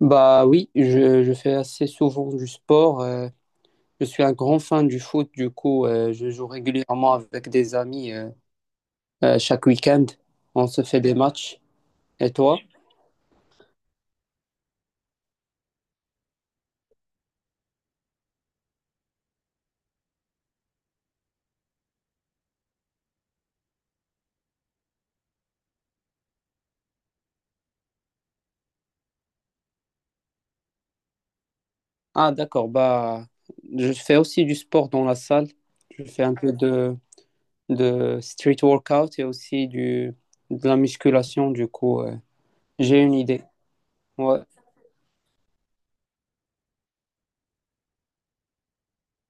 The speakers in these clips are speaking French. Bah oui, je fais assez souvent du sport. Je suis un grand fan du foot, du coup, je joue régulièrement avec des amis chaque week-end. On se fait des matchs. Et toi? Ah d'accord, bah je fais aussi du sport dans la salle. Je fais un peu de street workout et aussi du, de la musculation, du coup, j'ai une idée. Ouais.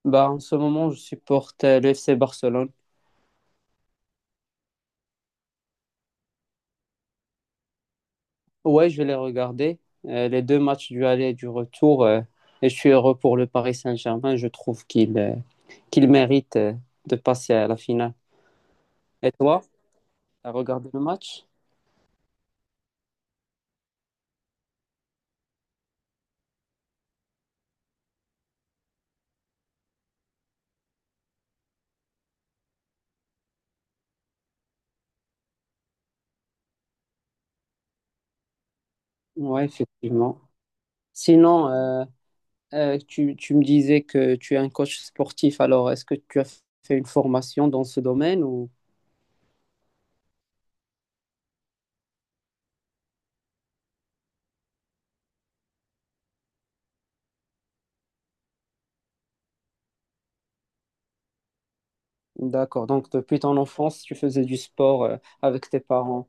Bah en ce moment, je supporte le FC Barcelone. Ouais, je vais les regarder. Les deux matchs du aller et du retour. Et je suis heureux pour le Paris Saint-Germain. Je trouve qu'il mérite de passer à la finale. Et toi, t'as regardé le match? Ouais, effectivement. Sinon, tu me disais que tu es un coach sportif. Alors, est-ce que tu as fait une formation dans ce domaine ou... D'accord. Donc, depuis ton enfance, tu faisais du sport avec tes parents.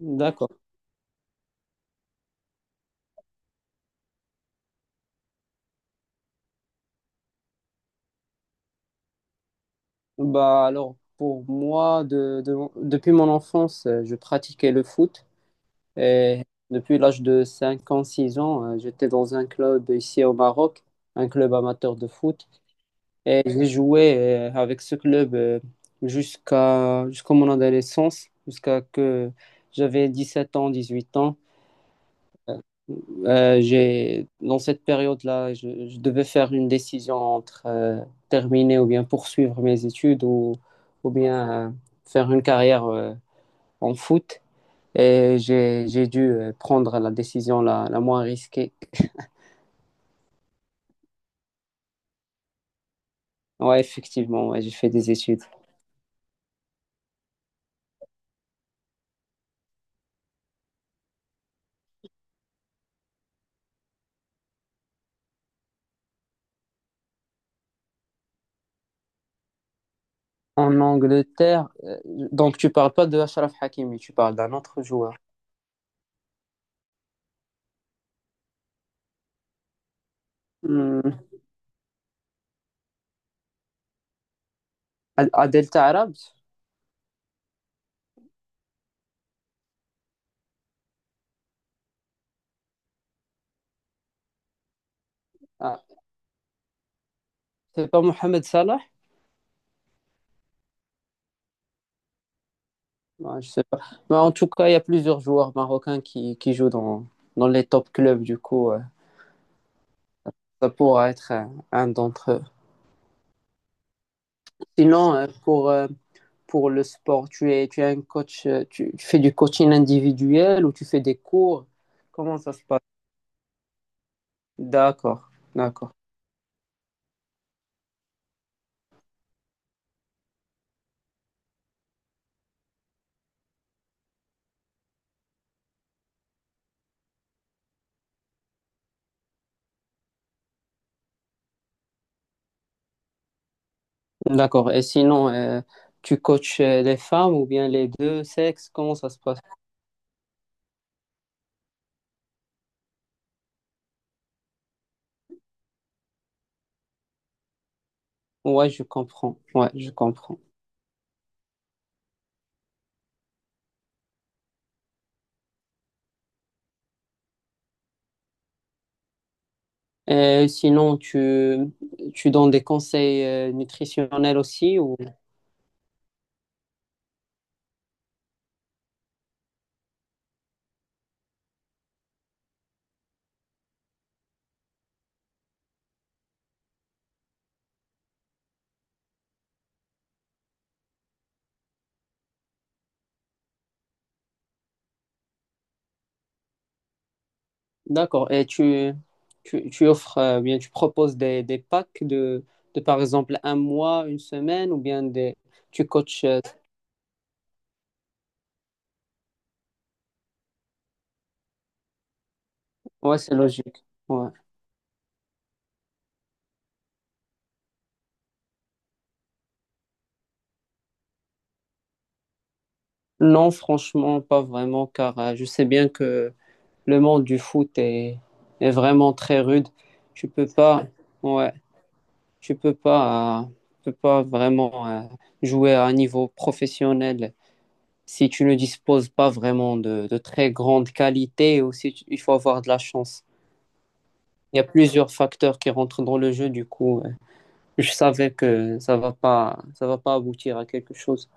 D'accord. Bah alors pour moi, depuis mon enfance, je pratiquais le foot et depuis l'âge de 5 ans, 6 ans, j'étais dans un club ici au Maroc, un club amateur de foot et j'ai joué avec ce club jusqu'à mon adolescence, jusqu'à que j'avais 17 ans, 18 ans. Dans cette période-là, je devais faire une décision entre terminer ou bien poursuivre mes études ou bien faire une carrière en foot. Et j'ai dû prendre la décision la moins risquée. Ouais, effectivement, ouais, j'ai fait des études. En Angleterre, donc tu parles pas de Achraf Hakimi, tu parles d'un autre joueur. Hmm. Adel Taarabt? C'est pas Mohamed Salah? Ouais, je sais pas. Mais en tout cas, il y a plusieurs joueurs marocains qui jouent dans les top clubs. Du coup, ça pourra être un d'entre eux. Sinon, pour le sport, tu es un coach, tu fais du coaching individuel ou tu fais des cours? Comment ça se passe? D'accord, d'accord, d'accord. Et sinon, tu coaches les femmes ou bien les deux sexes? Comment ça se passe? Ouais, je comprends. Ouais, je comprends. Sinon, tu donnes des conseils nutritionnels aussi ou... D'accord. Et tu proposes des packs de, par exemple, un mois, une semaine ou bien des... tu coaches. Ouais, c'est logique. Ouais. Non, franchement, pas vraiment, car je sais bien que le monde du foot est vraiment très rude. Tu peux pas, ouais, tu peux pas, euh, tu peux pas vraiment jouer à un niveau professionnel. Si tu ne disposes pas vraiment de très grandes qualités, aussi il faut avoir de la chance. Il y a plusieurs facteurs qui rentrent dans le jeu, du coup, je savais que ça va pas aboutir à quelque chose.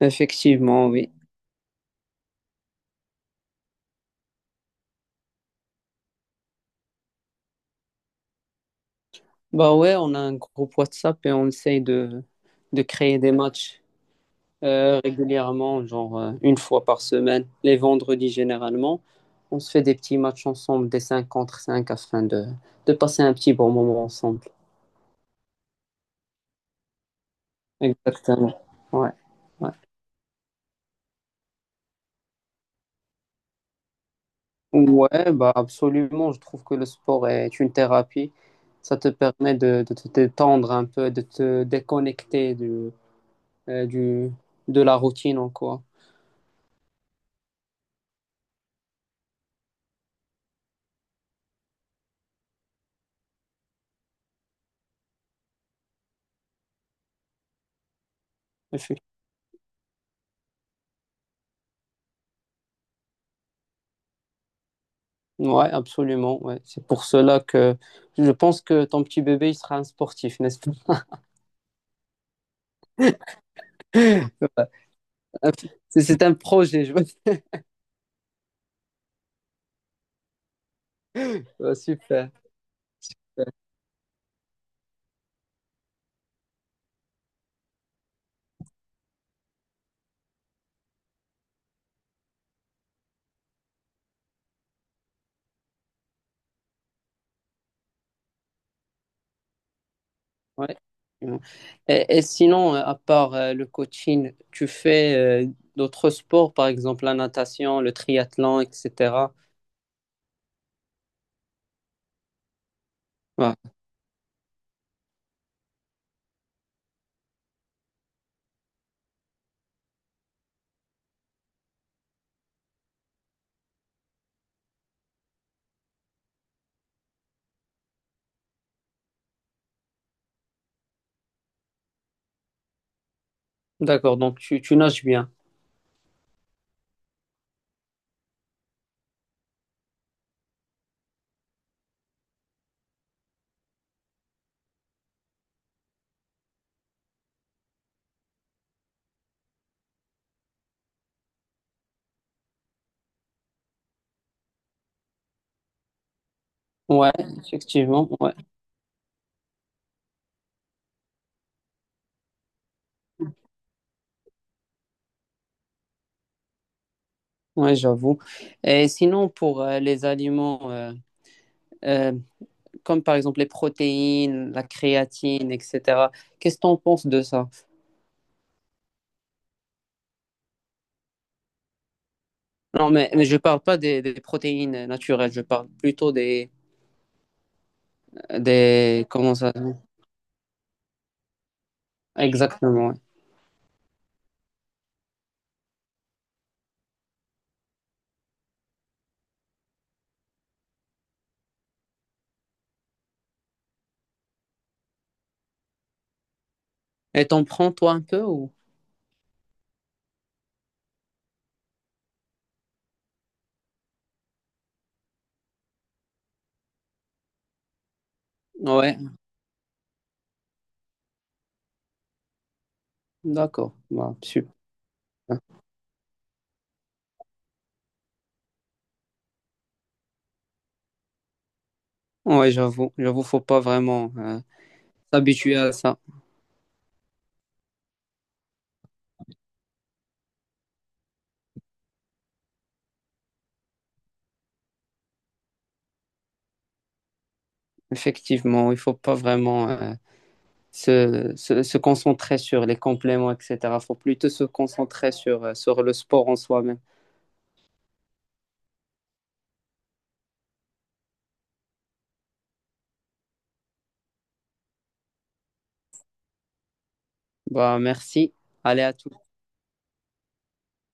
Effectivement, oui. Bah ouais, on a un groupe WhatsApp et on essaye de créer des matchs régulièrement, genre une fois par semaine, les vendredis généralement. On se fait des petits matchs ensemble, des 5 contre 5, afin de passer un petit bon moment ensemble. Exactement. Ouais. Ouais. Ouais, bah absolument. Je trouve que le sport est une thérapie. Ça te permet de te détendre un peu, de te déconnecter euh, du, de la routine, en quoi. Effe- Ouais, absolument. Ouais. C'est pour cela que je pense que ton petit bébé, il sera un sportif, n'est-ce pas? Ouais. C'est un projet, je vois. Ouais, super. Ouais. Ouais. Et sinon, à part le coaching, tu fais d'autres sports, par exemple la natation, le triathlon, etc. Ouais. D'accord, donc tu nages bien. Ouais, effectivement, ouais, ouais, j'avoue. Et sinon, pour les aliments, euh, comme par exemple les protéines, la créatine, etc., qu'est-ce que tu en penses de ça? Non, mais je parle pas des protéines naturelles, je parle plutôt des, comment ça, exactement. Ouais. Et t'en prends toi un peu ou? Ouais, d'accord. Bah, super. Ouais, j'avoue, j'avoue, faut pas vraiment s'habituer à ça. Effectivement, il faut pas vraiment se concentrer sur les compléments, etc. Faut plutôt se concentrer sur le sport en soi-même. Bah, merci. Allez, à tout.